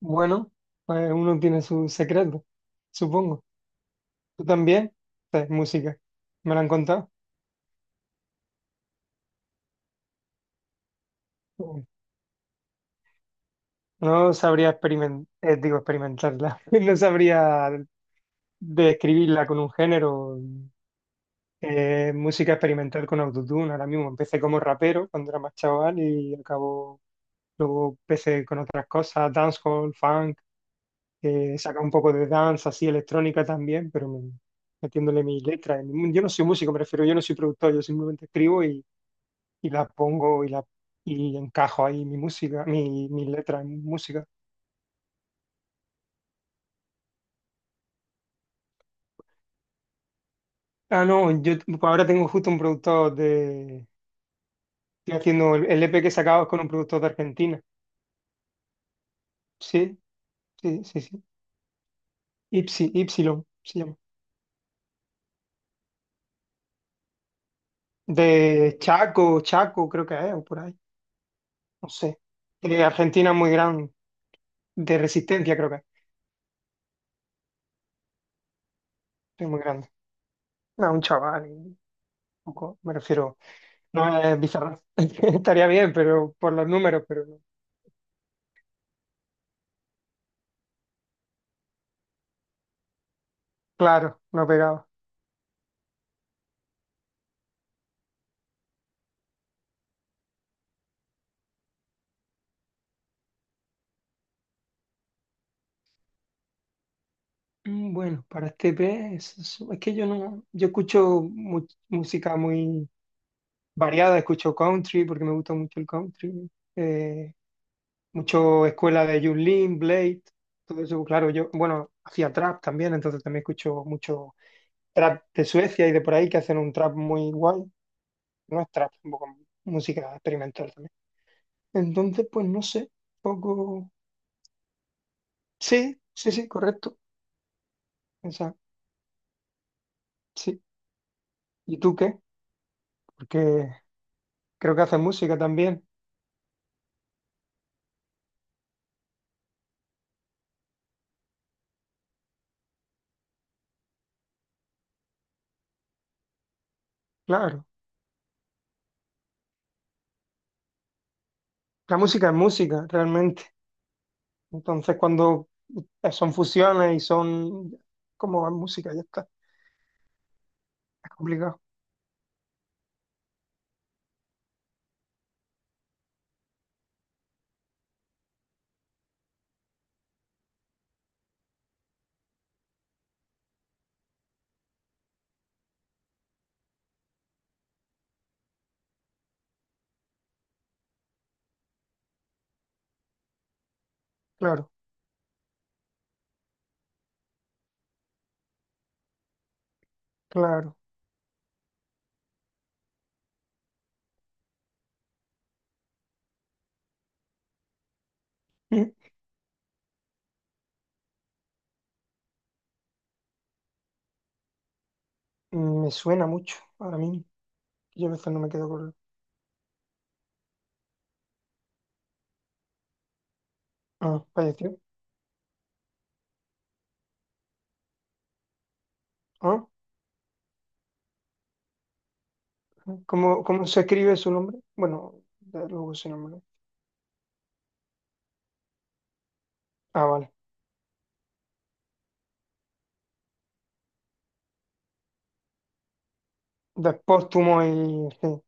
Bueno, pues uno tiene su secreto, supongo. ¿Tú también? Sí, música. ¿Me lo han contado? Mm. No sabría experimentar, digo, experimentarla. No sabría describirla con un género. Música experimental con autotune. Ahora mismo empecé como rapero cuando era más chaval y acabo, luego empecé con otras cosas, dancehall, funk, saca un poco de dance, así electrónica también, pero metiéndole mis letras. Yo no soy músico, me refiero, yo no soy productor, yo simplemente escribo y la pongo y la y encajo ahí mi música, mi, mis letras, en música. Ah, no, pues ahora tengo justo un productor de... Estoy haciendo el EP que he sacado es con un productor de Argentina. Sí, sí, sí, sí. Ipsi, Ypsilon se llama. De Chaco, Chaco creo que es, o por ahí. No sé. De Argentina muy grande, de Resistencia creo que es muy grande. No, un chaval, un poco, me refiero. No es bizarro. Estaría bien, pero por los números, pero no. Claro, no pegaba. Mm, bueno, para este pez, es que yo no, yo escucho música muy variada, escucho country porque me gusta mucho el country, eh, mucho escuela de Yulin, Blade, todo eso, claro, yo, bueno, hacía trap también, entonces también escucho mucho trap de Suecia y de por ahí que hacen un trap muy guay, no es trap, un poco música experimental también. Entonces, pues no sé, poco, sí, sí, sí, correcto, esa, sí. ¿Y tú qué? Porque creo que haces música también. Claro, la música es música, realmente. Entonces, cuando son fusiones y son como música, ya está. Es complicado. Claro, claro. Mm, me suena mucho ahora mismo. Yo a veces no me quedo con... Ah, falleció. Ah, ¿cómo, cómo se escribe su nombre? Bueno, luego su nombre. Ah, vale. Despóstumo y... sí.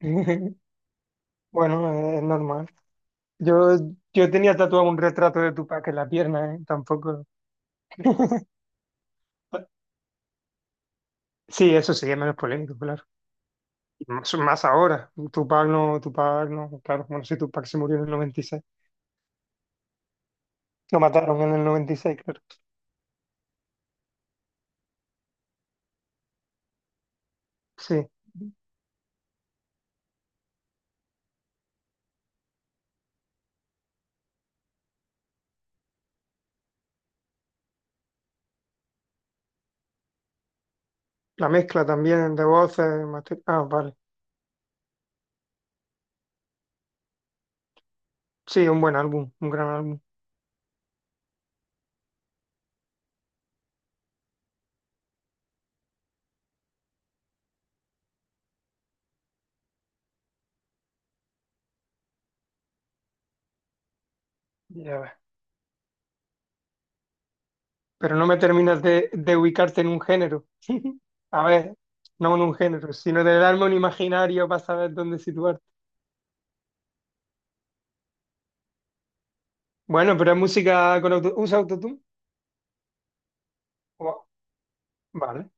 Bueno, es normal. Yo, yo tenía tatuado un retrato de Tupac en la pierna, ¿eh? Tampoco... Sí, eso sí, es menos polémico, claro. Más, más ahora. Tupac no, claro. Bueno, sí, Tupac se murió en el 96. Lo mataron en el 96, claro. Sí. La mezcla también de voces. Ah, vale. Sí, un buen álbum, un gran álbum. Ya ves. Pero no me terminas de ubicarte en un género. A ver, no en un género, sino de darme un imaginario para saber dónde situarte. Bueno, pero es música con auto... ¿Usa autotune? Wow. Vale,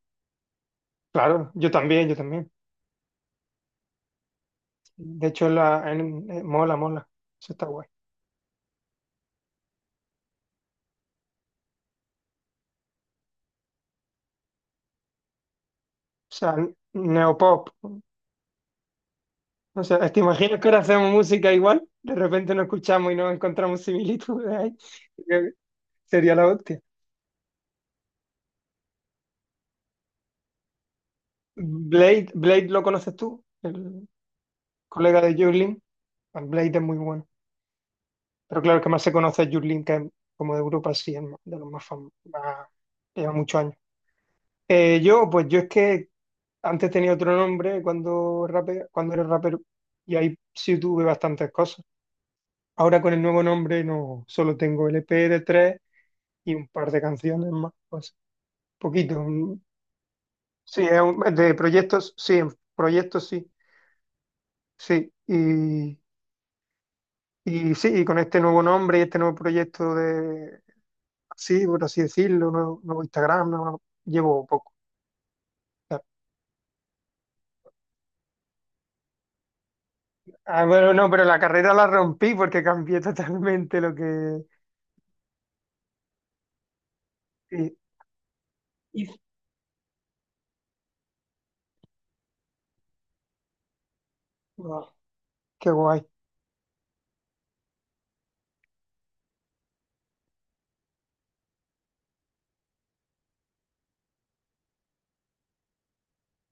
claro. Yo también, yo también. De hecho, mola, mola. Eso está guay. O sea, neopop. O sea, ¿te imaginas que ahora hacemos música igual? De repente nos escuchamos y no encontramos similitudes ahí. Creo sería la hostia. Blade, Blade lo conoces tú, el colega de Jurlin. Bueno, Blade es muy bueno. Pero claro, el que más se conoce es Jurlin, que es como de Europa, sí, de los más famosos. Lleva muchos años. Yo, pues yo es que antes tenía otro nombre cuando, cuando era rapero y ahí sí tuve bastantes cosas. Ahora con el nuevo nombre no, solo tengo LP de tres y un par de canciones más, pues poquito. Sí, de proyectos, sí, en proyectos sí, sí. Y sí, y con este nuevo nombre y este nuevo proyecto de, así, por así decirlo, nuevo, nuevo Instagram, llevo poco. Ah, bueno, no, pero la carrera la rompí porque cambié totalmente lo que... sí. Y guau, qué guay.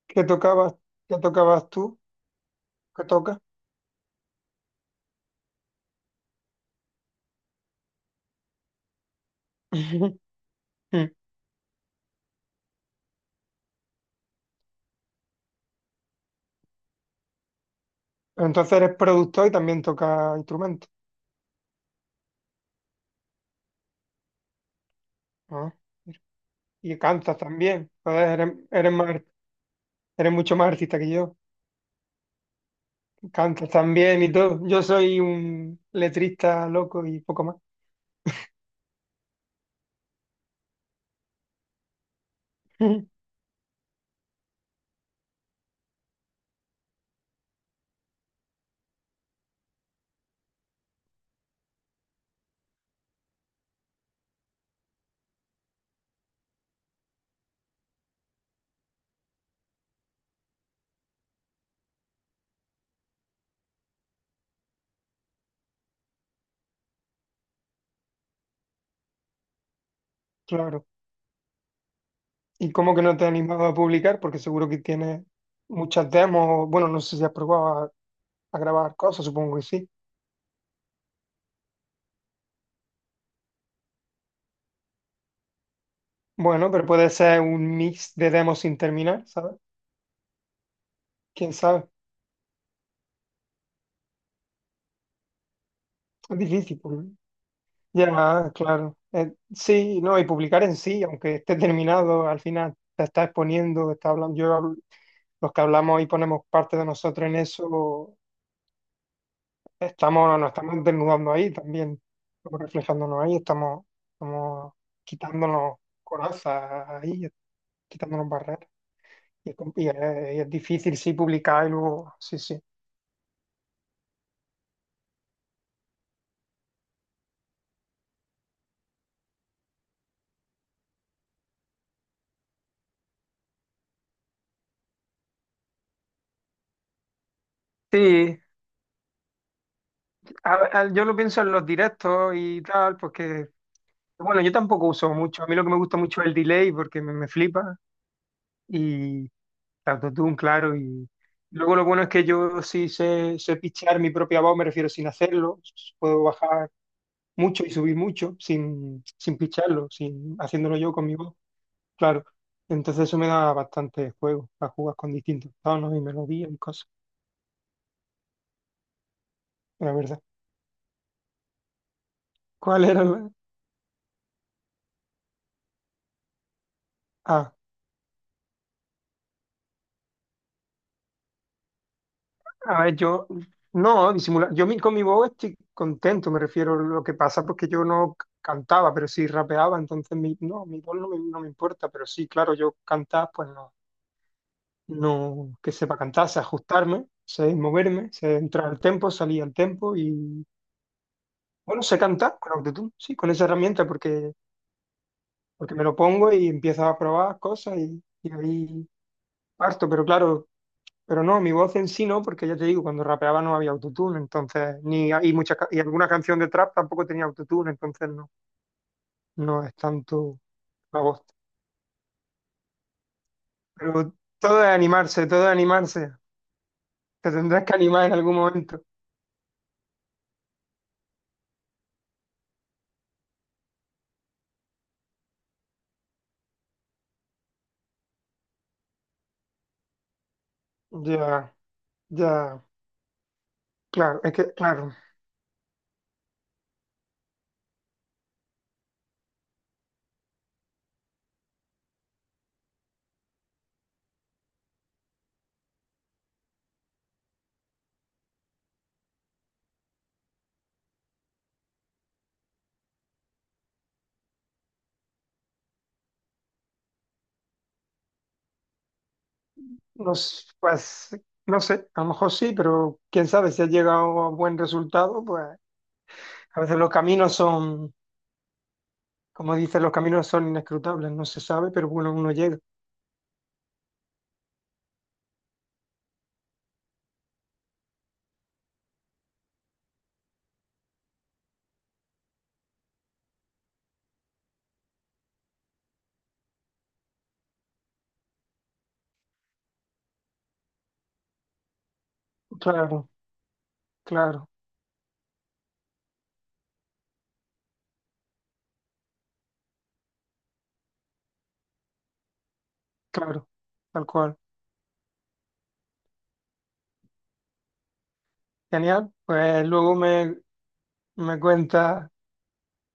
¿Qué tocabas? ¿Qué tocabas tú? ¿Qué tocas? Entonces eres productor y también tocas instrumentos, ¿no? Y cantas también. Joder, eres, eres mucho más artista que yo. Cantas también y todo. Yo soy un letrista loco y poco más. Claro. ¿Y cómo que no te has animado a publicar? Porque seguro que tienes muchas demos. Bueno, no sé si has probado a grabar cosas, supongo que sí. Bueno, pero puede ser un mix de demos sin terminar, ¿sabes? ¿Quién sabe? Es difícil, porque ya, claro. Sí, no, y publicar en sí, aunque esté terminado, al final te está exponiendo, está hablando, los que hablamos y ponemos parte de nosotros en eso, estamos, nos estamos desnudando ahí también, estamos reflejándonos ahí, estamos, estamos quitándonos corazas ahí, quitándonos barreras. Y es, com- y es difícil, sí, publicar y luego, sí, sí. Sí, yo lo pienso en los directos y tal, porque, bueno, yo tampoco uso mucho. A mí lo que me gusta mucho es el delay porque me flipa y el autotune, claro. Y luego lo bueno es que yo sí sé, sé pichear mi propia voz, me refiero sin hacerlo. Puedo bajar mucho y subir mucho sin, sin picharlo, sin, haciéndolo yo con mi voz, claro. Entonces eso me da bastante juego para jugar con distintos tonos y melodías y cosas, la verdad. ¿Cuál era la...? Ah, a ver, yo, no, disimular, con mi voz estoy contento, me refiero a lo que pasa, porque yo no c- cantaba, pero sí rapeaba, entonces mi, no, mi voz no me, no me importa, pero sí, claro, yo cantar, pues no, no que sepa cantar, sé ajustarme, sé moverme, sé entrar al tempo, salir al tempo y, bueno, sé cantar con autotune, sí, con esa herramienta, porque me lo pongo y empiezo a probar cosas y ahí parto, pero claro, pero no, mi voz en sí no, porque ya te digo, cuando rapeaba no había autotune, entonces, ni y alguna canción de trap tampoco tenía autotune, entonces no, no es tanto la voz. Pero todo es animarse, todo es animarse. Te tendrás que animar en algún momento. Ya, ya, claro, claro, no, pues, no sé, a lo mejor sí, pero quién sabe si has llegado a buen resultado, pues a veces los caminos son, como dicen, los caminos son inescrutables, no se sabe, pero bueno, uno llega. Claro, claro. Claro, tal cual. Genial. Pues me cuenta,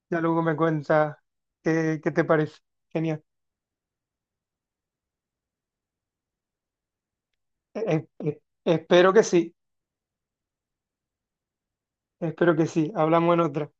ya luego me cuenta qué, qué te parece. Genial. Espero que sí, espero que sí. Hablamos en otra.